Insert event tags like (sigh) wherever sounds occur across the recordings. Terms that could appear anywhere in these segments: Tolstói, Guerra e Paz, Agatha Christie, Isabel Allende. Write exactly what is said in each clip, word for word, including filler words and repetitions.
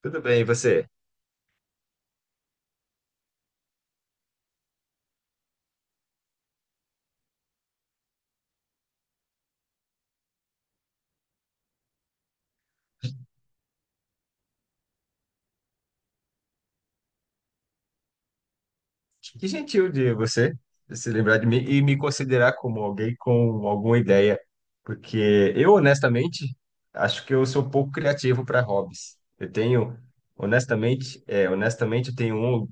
Tudo bem, e você? Que gentil de você se lembrar de mim e me considerar como alguém com alguma ideia, porque eu, honestamente, acho que eu sou pouco criativo para hobbies. Eu tenho, honestamente, é, honestamente, eu tenho um,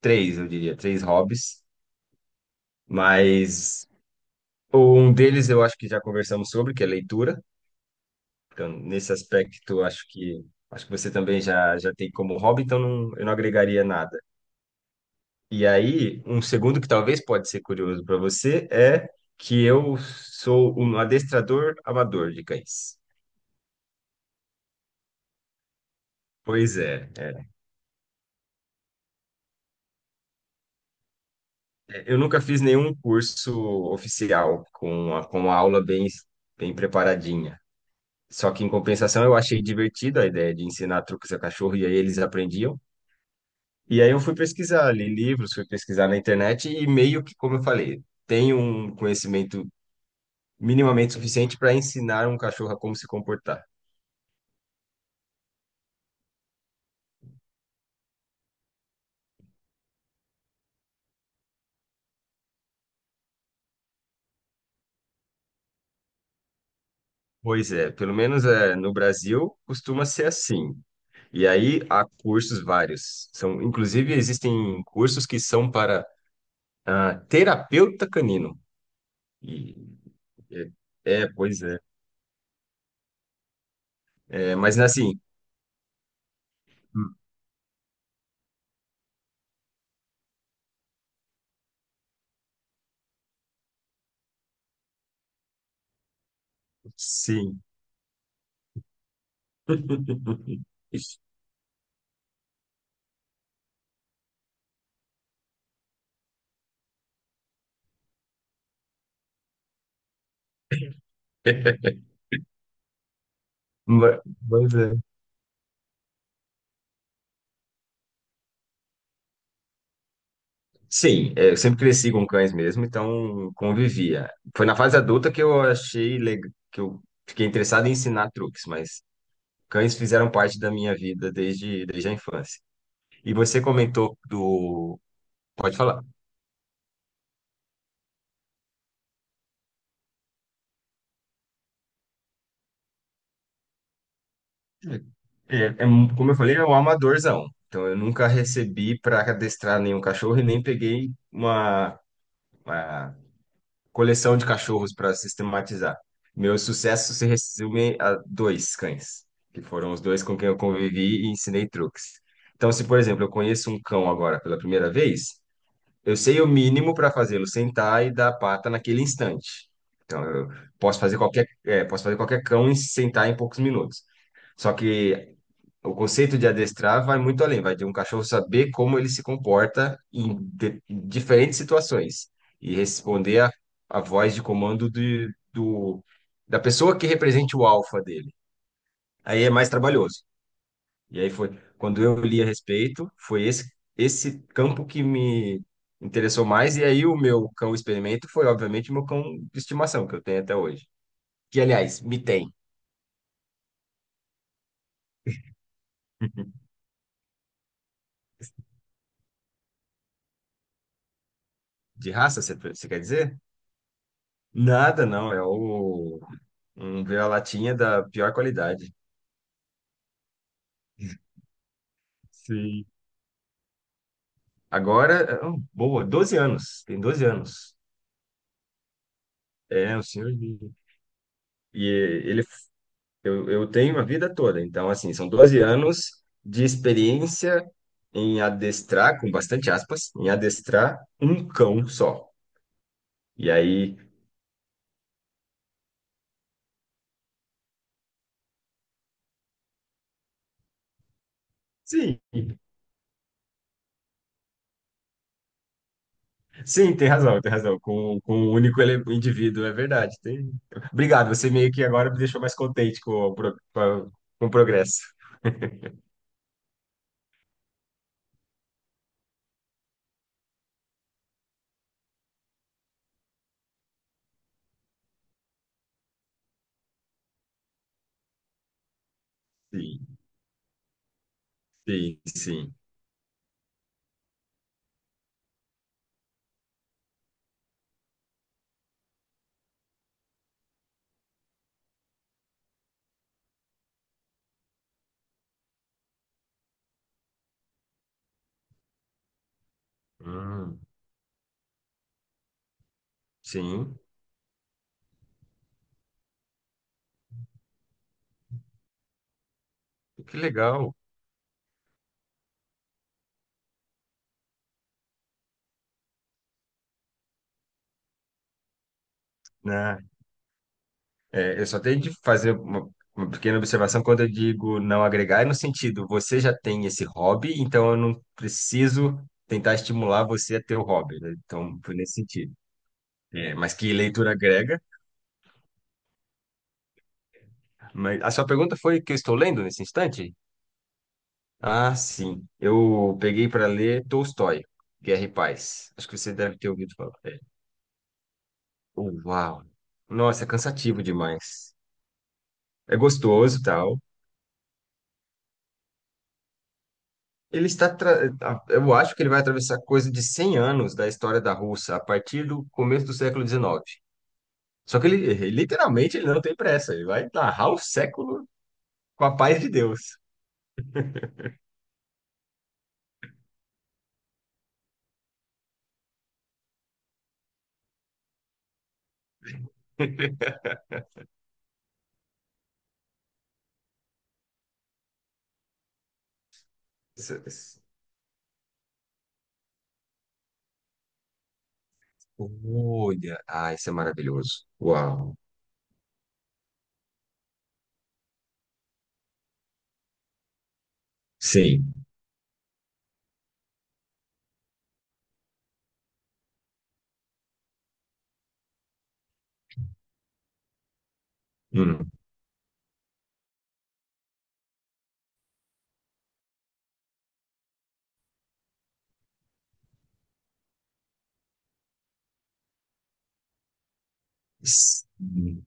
três, eu diria, três hobbies, mas um deles eu acho que já conversamos sobre, que é leitura. Então, nesse aspecto, acho que acho que você também já já tem como hobby, então não, eu não agregaria nada. E aí, um segundo que talvez pode ser curioso para você é que eu sou um adestrador amador de cães. Pois é, é. é, Eu nunca fiz nenhum curso oficial com a, com a aula bem, bem preparadinha. Só que, em compensação, eu achei divertido a ideia de ensinar truques a cachorro e aí eles aprendiam. E aí eu fui pesquisar, li livros, fui pesquisar na internet e meio que, como eu falei, tenho um conhecimento minimamente suficiente para ensinar um cachorro a como se comportar. Pois é, pelo menos é, no Brasil costuma ser assim. E aí há cursos vários. São, inclusive, existem cursos que são para ah, terapeuta canino. E, é, é, pois é. É, mas assim, sim. (laughs) Ma- Pois é. Sim, é, eu sempre cresci com cães mesmo, então convivia. Foi na fase adulta que eu achei legal, que eu fiquei interessado em ensinar truques, mas cães fizeram parte da minha vida desde, desde a infância. E você comentou do. Pode falar. É, é um- como eu falei, é um amadorzão. Então, eu nunca recebi para adestrar nenhum cachorro e nem peguei uma, uma coleção de cachorros para sistematizar. Meu sucesso se resume a dois cães, que foram os dois com quem eu convivi e ensinei truques. Então, se, por exemplo, eu conheço um cão agora pela primeira vez, Eu sei o mínimo para fazê-lo sentar e dar a pata naquele instante. Então, eu posso fazer qualquer, é, posso fazer qualquer cão e sentar em poucos minutos. Só que o conceito de adestrar vai muito além, vai de um cachorro saber como ele se comporta em de- diferentes situações e responder a, a voz de comando de, do, da pessoa que represente o alfa dele. Aí é mais trabalhoso. E aí foi quando eu li a respeito, foi esse esse campo que me interessou mais e aí o meu cão experimento foi obviamente o meu cão de estimação que eu tenho até hoje. Que aliás, me tem. (laughs) De raça, você você quer dizer? Nada, não, é o um vira-latinha da pior qualidade. Sim. Agora, ah, boa, doze anos, tem doze anos. É, o senhor de- E ele Eu, eu tenho a vida toda, então, assim, são doze anos de experiência em adestrar, com bastante aspas, em adestrar um cão só. E aí, sim, sim, tem razão, tem razão. Com, com um único ele- indivíduo, é verdade. Tem... Obrigado, você meio que agora me deixou mais contente com o, pro- com a- com o progresso. Sim, sim, sim. Hum, sim, que legal, né? É, eu só tenho de fazer uma, uma pequena observação quando eu digo não agregar, é no sentido, você já tem esse hobby, então eu não preciso tentar estimular você a ter o hobby, né? Então, foi nesse sentido. É, mas que leitura agrega? Mas a sua pergunta foi o que eu estou lendo nesse instante? Ah, sim. Eu peguei para ler Tolstói, Guerra e Paz. Acho que você deve ter ouvido falar. É. Uau! Nossa, é cansativo demais. É gostoso, tal. Ele está, tra- a- eu acho que ele vai atravessar coisa de cem anos da história da Rússia a partir do começo do século dezenove. Só que ele, ele- literalmente, ele não tem pressa. Ele vai narrar o século com a paz de Deus. (laughs) Isso- isso- Olha, ah, isso é maravilhoso. Uau. Sim. Hum. Sim.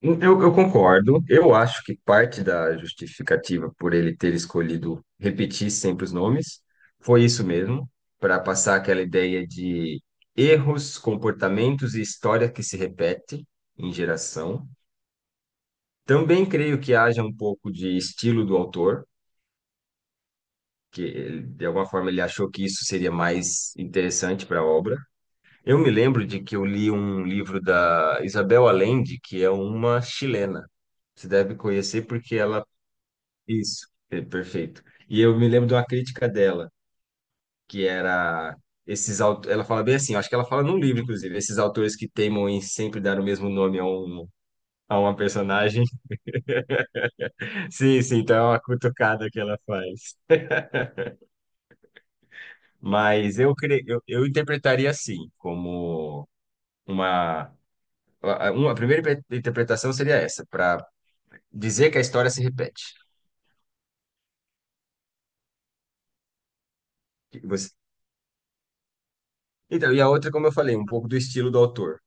Eu, eu concordo. Eu acho que parte da justificativa por ele ter escolhido repetir sempre os nomes foi isso mesmo, para passar aquela ideia de erros, comportamentos e história que se repete em geração. Também creio que haja um pouco de estilo do autor, que ele- de alguma forma ele achou que isso seria mais interessante para a obra. Eu me lembro de que eu li um livro da Isabel Allende, que é uma chilena. Você deve conhecer porque ela. Isso, é, perfeito. E eu me lembro de uma crítica dela, que era esses autores, ela fala bem assim, eu acho que ela fala num livro, inclusive, esses autores que teimam em sempre dar o mesmo nome a um, a uma personagem. (laughs) Sim, sim, então é uma cutucada que ela faz. Mas eu, cre... eu, eu interpretaria assim, como uma, uma a primeira inter- interpretação seria essa, para dizer que a história se repete. Que você- Então, e a outra, como eu falei, um pouco do estilo do autor.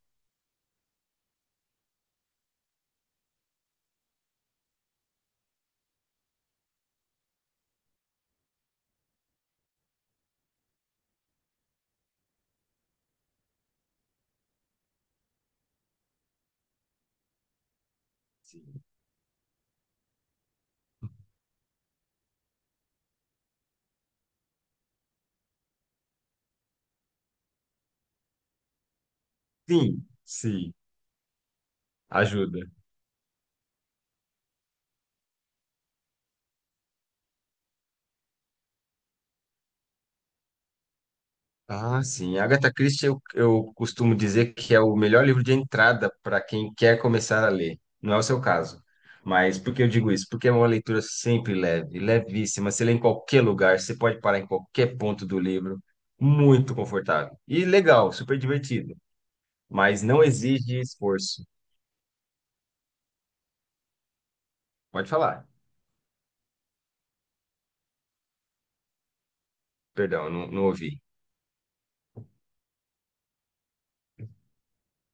Sim, sim, ajuda. Ah, sim. Agatha Christie, eu, eu costumo dizer que é o melhor livro de entrada para quem quer começar a ler. Não é o seu caso. Mas por que eu digo isso? Porque é uma leitura sempre leve, levíssima. Você lê em qualquer lugar, você pode parar em qualquer ponto do livro. Muito confortável. E legal, super divertido. Mas não exige esforço. Pode falar. Perdão, não, não ouvi.